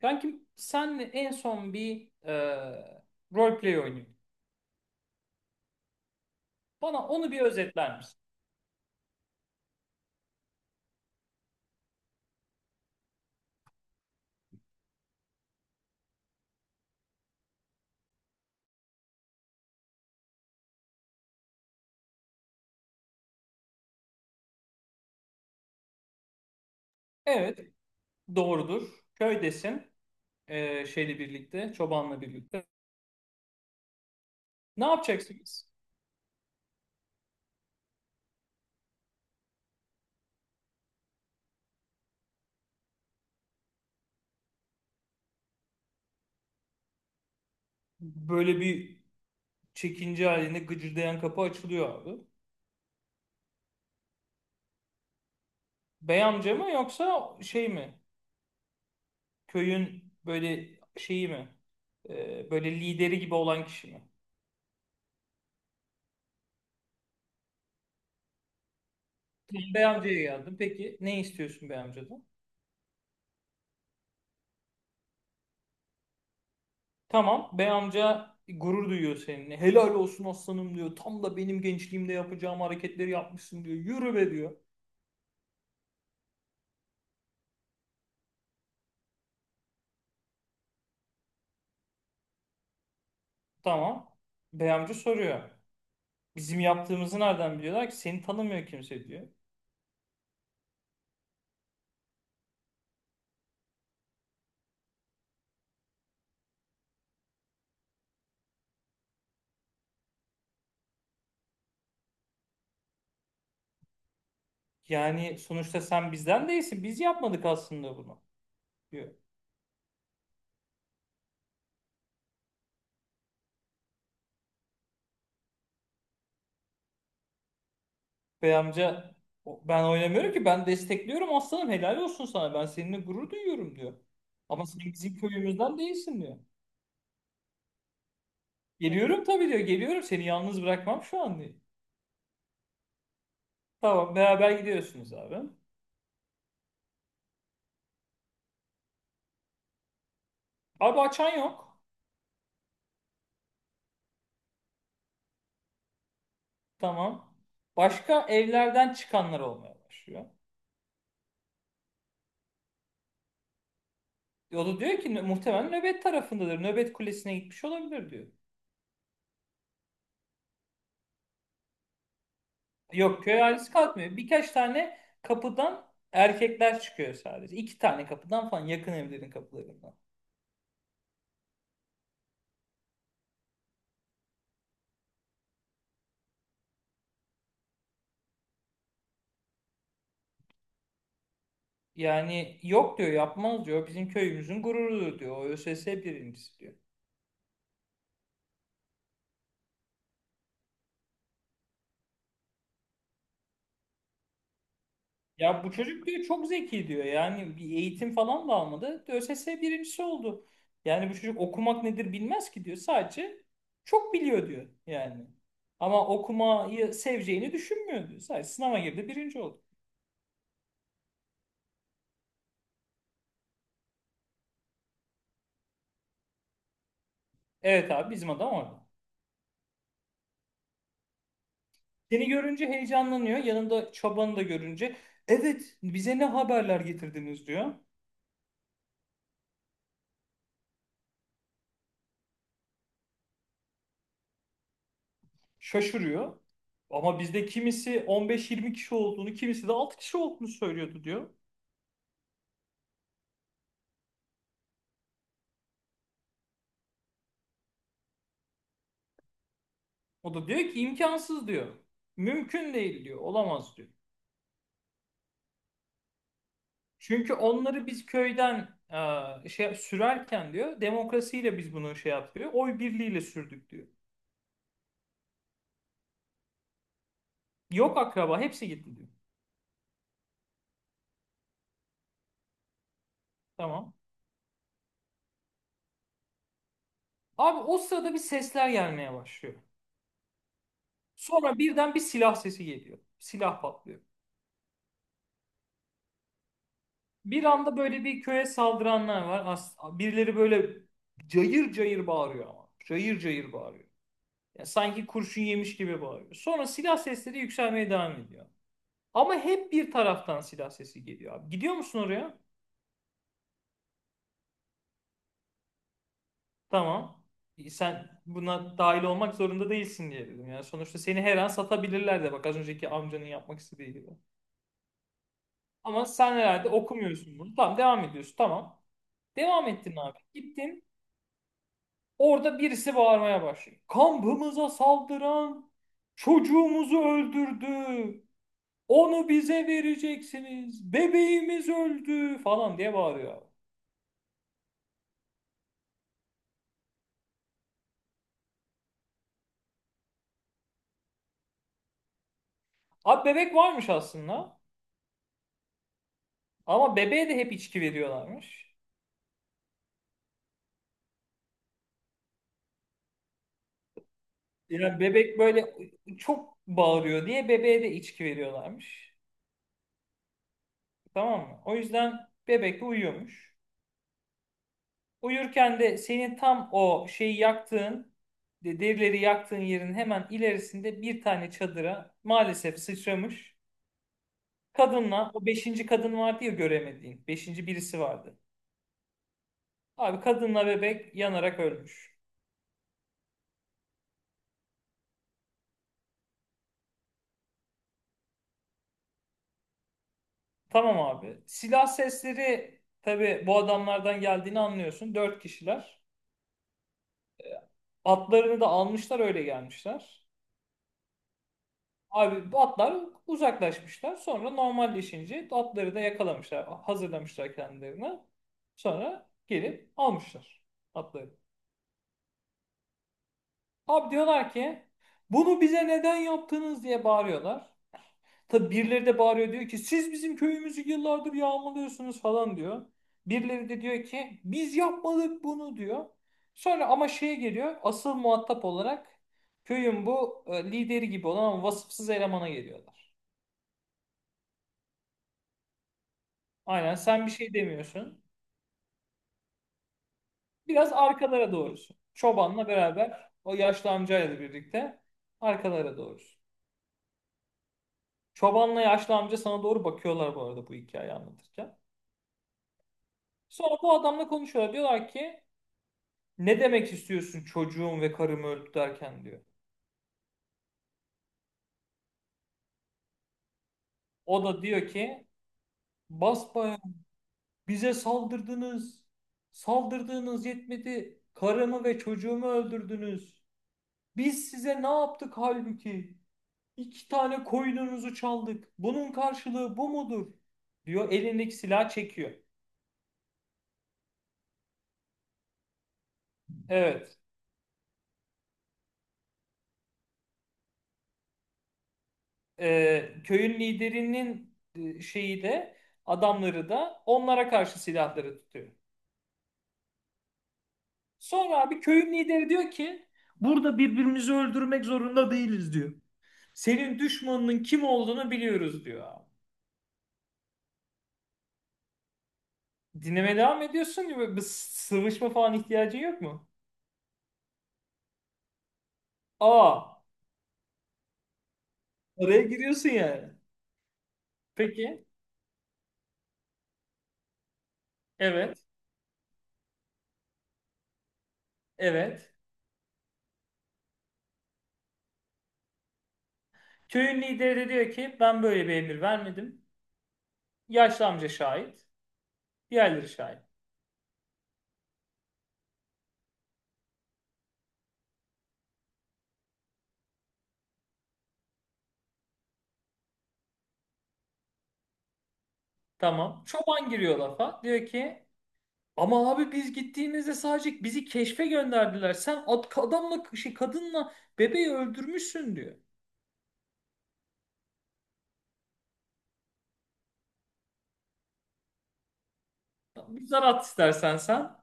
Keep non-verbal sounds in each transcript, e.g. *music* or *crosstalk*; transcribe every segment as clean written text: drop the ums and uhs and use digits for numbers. Kankim senle en son bir roleplay oynuyorduk. Bana onu bir özetler misin? Evet, doğrudur. Köydesin. Şeyle birlikte, çobanla birlikte. Ne yapacaksınız? Böyle bir çekince halinde gıcırdayan kapı açılıyor abi. Bey amca mı yoksa şey mi? Köyün böyle şeyi mi? Böyle lideri gibi olan kişi mi? Bey amcaya geldim. Peki ne istiyorsun bey amcadan? Tamam, bey amca gurur duyuyor seninle. Helal olsun aslanım diyor. Tam da benim gençliğimde yapacağım hareketleri yapmışsın diyor. Yürü be diyor. Tamam. Bey amca soruyor. Bizim yaptığımızı nereden biliyorlar ki? Seni tanımıyor kimse diyor. Yani sonuçta sen bizden değilsin. Biz yapmadık aslında bunu diyor. Bey amca "Ben oynamıyorum ki, ben destekliyorum aslanım, helal olsun sana. Ben seninle gurur duyuyorum" diyor. Ama sen bizim köyümüzden değilsin diyor. Geliyorum tabii diyor. Geliyorum, seni yalnız bırakmam şu an diyor. Tamam, beraber gidiyorsunuz abi. Abi, açan yok. Tamam. Başka evlerden çıkanlar olmaya başlıyor. O da diyor ki "Muhtemelen nöbet tarafındadır. Nöbet kulesine gitmiş olabilir" diyor. Yok, köy ailesi kalkmıyor. Birkaç tane kapıdan erkekler çıkıyor sadece. İki tane kapıdan falan, yakın evlerin kapılarından. Yani yok diyor, yapmaz diyor. Bizim köyümüzün gururudur diyor. O ÖSS birincisi diyor. Ya bu çocuk diyor, çok zeki diyor. Yani bir eğitim falan da almadı. ÖSS birincisi oldu. Yani bu çocuk okumak nedir bilmez ki diyor. Sadece çok biliyor diyor yani. Ama okumayı seveceğini düşünmüyor diyor. Sadece sınava girdi, birinci oldu. Evet abi, bizim adam orada. Seni görünce heyecanlanıyor. Yanında çabanı da görünce. Evet, bize ne haberler getirdiniz diyor. Şaşırıyor. Ama bizde kimisi 15-20 kişi olduğunu, kimisi de 6 kişi olduğunu söylüyordu diyor. O da diyor ki imkansız diyor. Mümkün değil diyor. Olamaz diyor. Çünkü onları biz köyden şey sürerken diyor, demokrasiyle biz bunu şey yapıyor. Oy birliğiyle sürdük diyor. Yok, akraba hepsi gitti diyor. Tamam. Abi, o sırada bir sesler gelmeye başlıyor. Sonra birden bir silah sesi geliyor. Silah patlıyor. Bir anda böyle bir köye saldıranlar var. As birileri böyle cayır cayır bağırıyor ama. Cayır cayır bağırıyor. Ya sanki kurşun yemiş gibi bağırıyor. Sonra silah sesleri yükselmeye devam ediyor. Ama hep bir taraftan silah sesi geliyor abi. Gidiyor musun oraya? Tamam. Sen buna dahil olmak zorunda değilsin diye dedim. Yani sonuçta seni her an satabilirler de, bak, az önceki amcanın yapmak istediği gibi. Ama sen herhalde okumuyorsun bunu. Tamam, devam ediyorsun. Tamam. Devam ettin abi. Gittin. Orada birisi bağırmaya başlıyor. Kampımıza saldıran çocuğumuzu öldürdü. Onu bize vereceksiniz. Bebeğimiz öldü falan diye bağırıyor. Abi, bebek varmış aslında. Ama bebeğe de hep içki veriyorlarmış. Yani bebek böyle çok bağırıyor diye bebeğe de içki veriyorlarmış. Tamam mı? O yüzden bebek de uyuyormuş. Uyurken de senin tam o şeyi yaktığın, derileri yaktığın yerin hemen ilerisinde bir tane çadıra maalesef sıçramış. Kadınla, o beşinci kadın vardı ya göremediğin. Beşinci birisi vardı. Abi, kadınla bebek yanarak ölmüş. Tamam abi. Silah sesleri tabii bu adamlardan geldiğini anlıyorsun. Dört kişiler. Atlarını da almışlar, öyle gelmişler. Abi, bu atlar uzaklaşmışlar. Sonra normalleşince atları da yakalamışlar. Hazırlamışlar kendilerini. Sonra gelip almışlar atları. Abi, diyorlar ki bunu bize neden yaptınız diye bağırıyorlar. Tabi birileri de bağırıyor, diyor ki siz bizim köyümüzü yıllardır yağmalıyorsunuz falan diyor. Birileri de diyor ki biz yapmadık bunu diyor. Sonra ama şeye geliyor, asıl muhatap olarak köyün bu lideri gibi olan ama vasıfsız elemana geliyorlar. Aynen, sen bir şey demiyorsun. Biraz arkalara doğrusun. Çobanla beraber, o yaşlı amcayla birlikte arkalara doğrusun. Çobanla yaşlı amca sana doğru bakıyorlar bu arada, bu hikayeyi anlatırken. Sonra bu adamla konuşuyorlar. Diyorlar ki ne demek istiyorsun çocuğum ve karım öldü derken diyor. O da diyor ki basbayağı bize saldırdınız. Saldırdığınız yetmedi. Karımı ve çocuğumu öldürdünüz. Biz size ne yaptık halbuki? İki tane koyununuzu çaldık. Bunun karşılığı bu mudur? Diyor, elindeki silah çekiyor. Evet. Köyün liderinin şeyi de, adamları da onlara karşı silahları tutuyor. Sonra abi, köyün lideri diyor ki burada birbirimizi öldürmek zorunda değiliz diyor. Senin düşmanının kim olduğunu biliyoruz diyor abi. Dinlemeye devam ediyorsun ve bir sıvışma falan ihtiyacın yok mu? Aa, araya giriyorsun yani. Peki. Evet. Evet. Köyün lideri de diyor ki ben böyle bir emir vermedim. Yaşlı amca şahit. Diğerleri şahit. Tamam. Çoban giriyor lafa. Diyor ki ama abi, biz gittiğimizde sadece bizi keşfe gönderdiler. Sen adamla şey, kadınla bebeği öldürmüşsün diyor. Tamam, bir zar at istersen sen.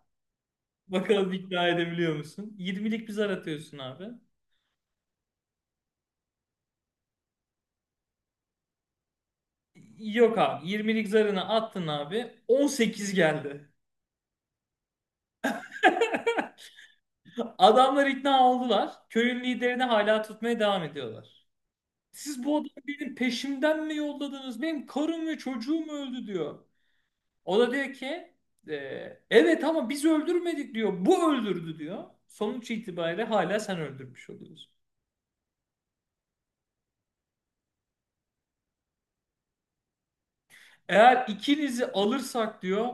Bakalım ikna edebiliyor musun? 20'lik bir zar atıyorsun abi. Yok abi. 20'lik zarını attın abi. 18 geldi. Adamlar ikna oldular. Köyün liderini hala tutmaya devam ediyorlar. Siz bu adamı benim peşimden mi yolladınız? Benim karım ve çocuğum öldü diyor. O da diyor ki e, evet, ama biz öldürmedik diyor. Bu öldürdü diyor. Sonuç itibariyle hala sen öldürmüş oluyorsun. Eğer ikinizi alırsak diyor,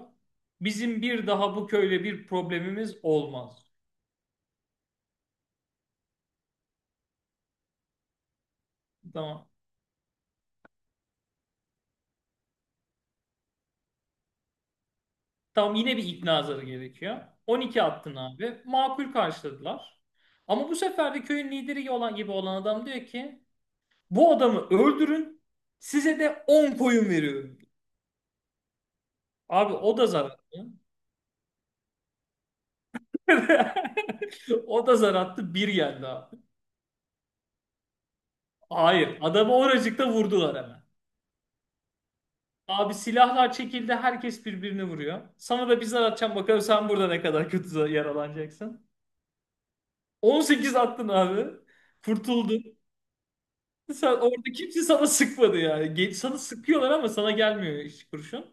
bizim bir daha bu köyle bir problemimiz olmaz. Tamam. Tamam, yine bir ikna zarı gerekiyor. 12 attın abi. Makul karşıladılar. Ama bu sefer de köyün lideri olan gibi olan adam diyor ki bu adamı öldürün, size de 10 koyun veriyorum. Abi, o da zararlı. *laughs* O da zar attı, bir geldi abi. Hayır. Adamı oracıkta vurdular hemen. Abi, silahlar çekildi. Herkes birbirini vuruyor. Sana da bir zar atacağım. Bakalım sen burada ne kadar kötü yaralanacaksın. 18 attın abi. Kurtuldun. Sen, orada kimse sana sıkmadı yani. Geç, sana sıkıyorlar ama sana gelmiyor hiç kurşun.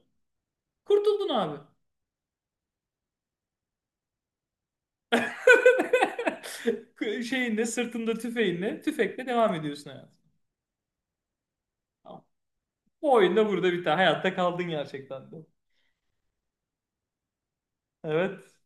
Kurtuldun abi. *laughs* Şeyinle, sırtında tüfeğinle, tüfekle devam ediyorsun hayatına. Tamam. Bu oyunda burada biter. Hayatta kaldın gerçekten de. Evet.